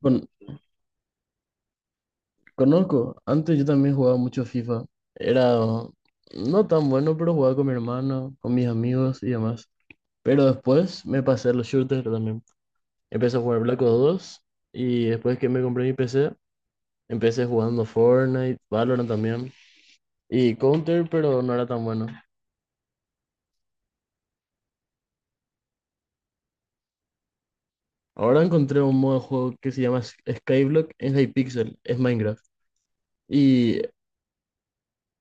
Con- Conozco, antes yo también jugaba mucho FIFA. Era no tan bueno, pero jugaba con mi hermano, con mis amigos y demás. Pero después me pasé a los shooters también. Empecé a jugar Black Ops 2 y después que me compré mi PC, empecé jugando Fortnite, Valorant también y Counter, pero no era tan bueno. Ahora encontré un modo de juego que se llama Skyblock, es de Hypixel, es Minecraft. Y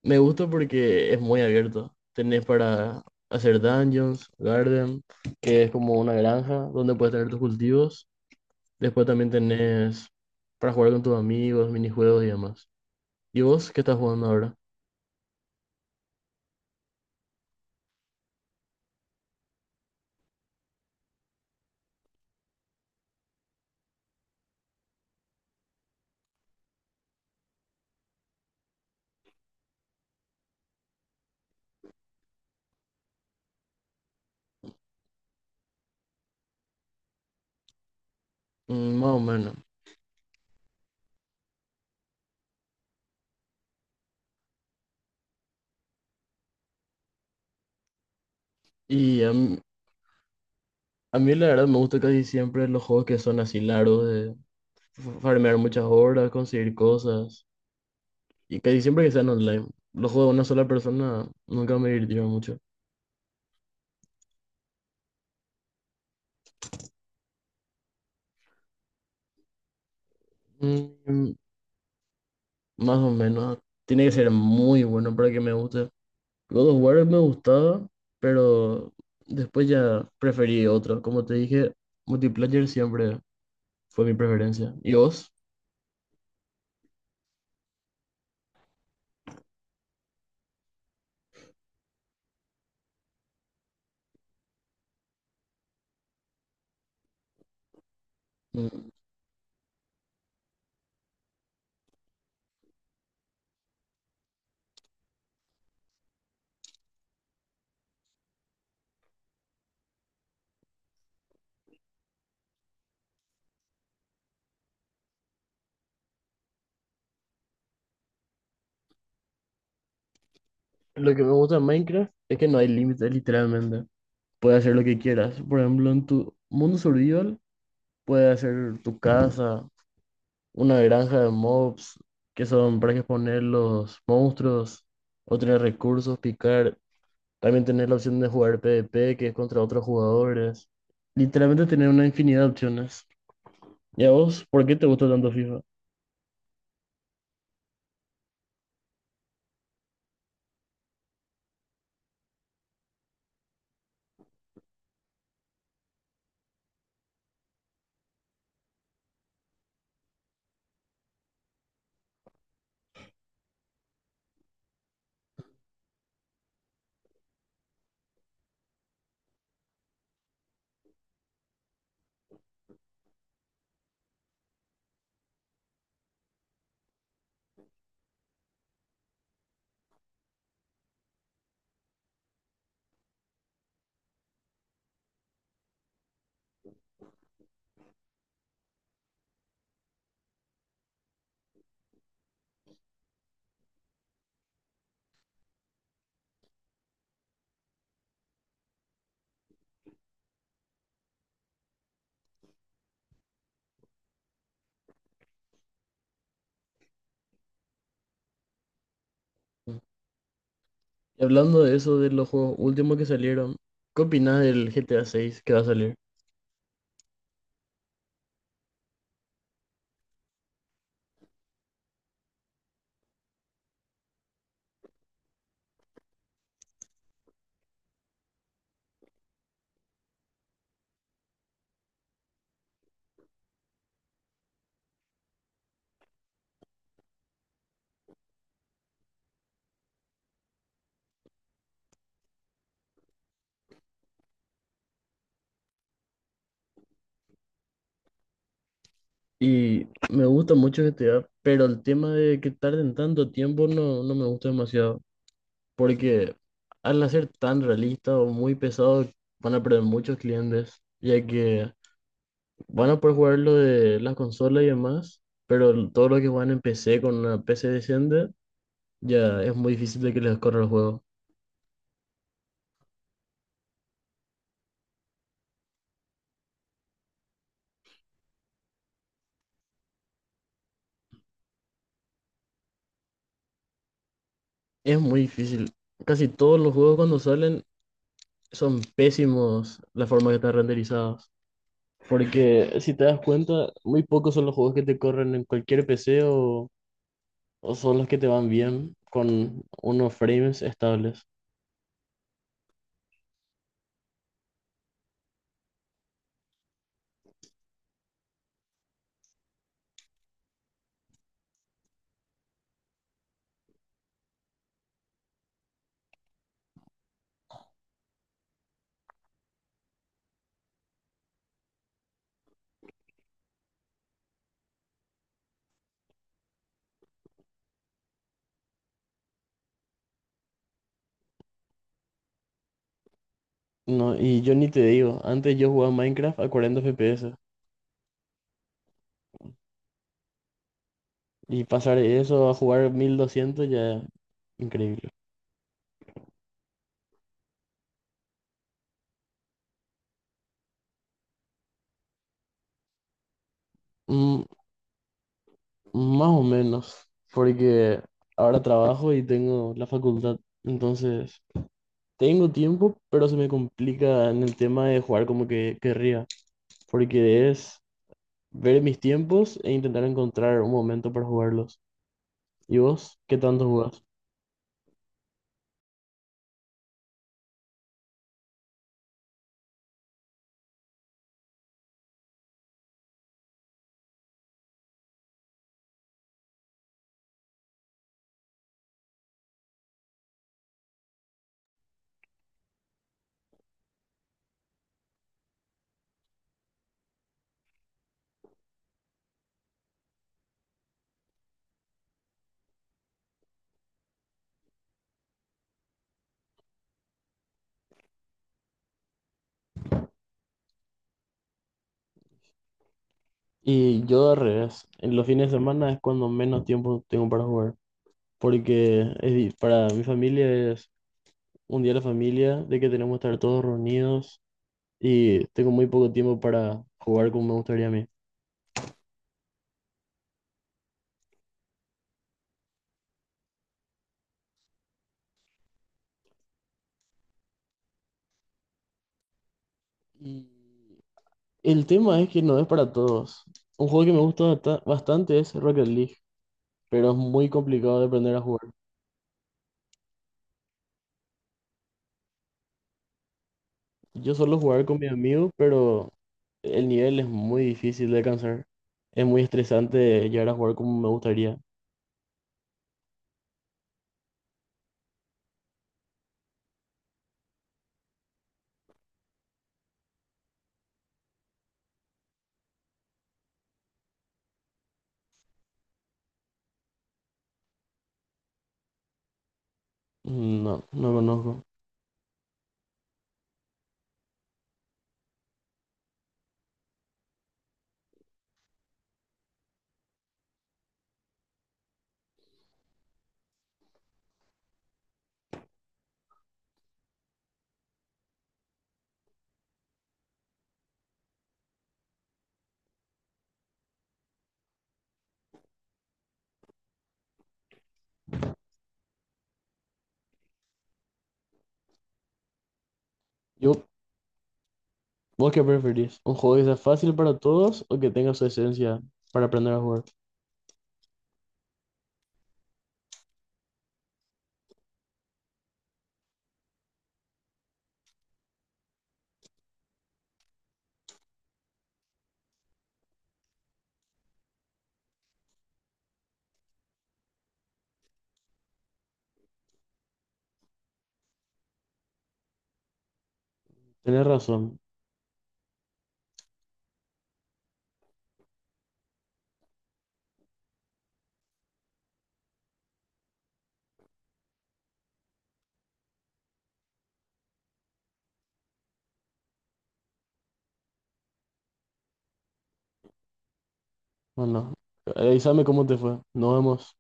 me gusta porque es muy abierto. Tenés para hacer dungeons, garden, que es como una granja donde puedes tener tus cultivos. Después también tenés para jugar con tus amigos, minijuegos y demás. ¿Y vos qué estás jugando ahora? Mm, más o menos. Y a mí, a mí la verdad me gusta casi siempre los juegos que son así largos, farmear muchas horas, conseguir cosas. Y casi siempre que sean online. Los juegos de una sola persona nunca me divirtieron mucho. Mm, más o menos. Tiene que ser muy bueno para que me guste. God of War me gustaba, pero después ya preferí otro. Como te dije, multiplayer siempre fue mi preferencia. ¿Y vos? Mm. Lo que me gusta de Minecraft es que no hay límites, literalmente. Puedes hacer lo que quieras. Por ejemplo, en tu mundo survival, puedes hacer tu casa, una granja de mobs que son para exponer los monstruos, otros recursos, picar. También tener la opción de jugar PvP, que es contra otros jugadores. Literalmente tener una infinidad de opciones. ¿Y a vos, por qué te gusta tanto FIFA? Y hablando de eso, de los juegos últimos que salieron, ¿qué opinas del GTA 6 que va a salir? Y me gusta mucho GTA, pero el tema de que tarden tanto tiempo no me gusta demasiado, porque al hacer tan realista o muy pesado van a perder muchos clientes, ya que van a poder jugar lo de las consolas y demás, pero todo lo que juegan en PC con una PC decente ya es muy difícil de que les corra el juego. Es muy difícil. Casi todos los juegos cuando salen son pésimos la forma que están renderizados. Porque si te das cuenta, muy pocos son los juegos que te corren en cualquier PC o son los que te van bien con unos frames estables. No, y yo ni te digo, antes yo jugaba Minecraft a 40 FPS y pasar eso a jugar 1.200 ya increíble. Mm, más o menos, porque ahora trabajo y tengo la facultad, entonces tengo tiempo, pero se me complica en el tema de jugar como que querría, porque es ver mis tiempos e intentar encontrar un momento para jugarlos. ¿Y vos qué tanto jugás? Y yo al revés, en los fines de semana es cuando menos tiempo tengo para jugar, porque es, para mi familia es un día de la familia, de que tenemos que estar todos reunidos y tengo muy poco tiempo para jugar como me gustaría a mí. Y el tema es que no es para todos. Un juego que me gusta bastante es Rocket League, pero es muy complicado de aprender a jugar. Yo suelo jugar con mis amigos, pero el nivel es muy difícil de alcanzar. Es muy estresante llegar a jugar como me gustaría. No, no conozco. Yo, ¿vos qué preferís? ¿Un juego que sea fácil para todos o que tenga su esencia para aprender a jugar? Tenés razón. Bueno, avísame cómo te fue. Nos vemos.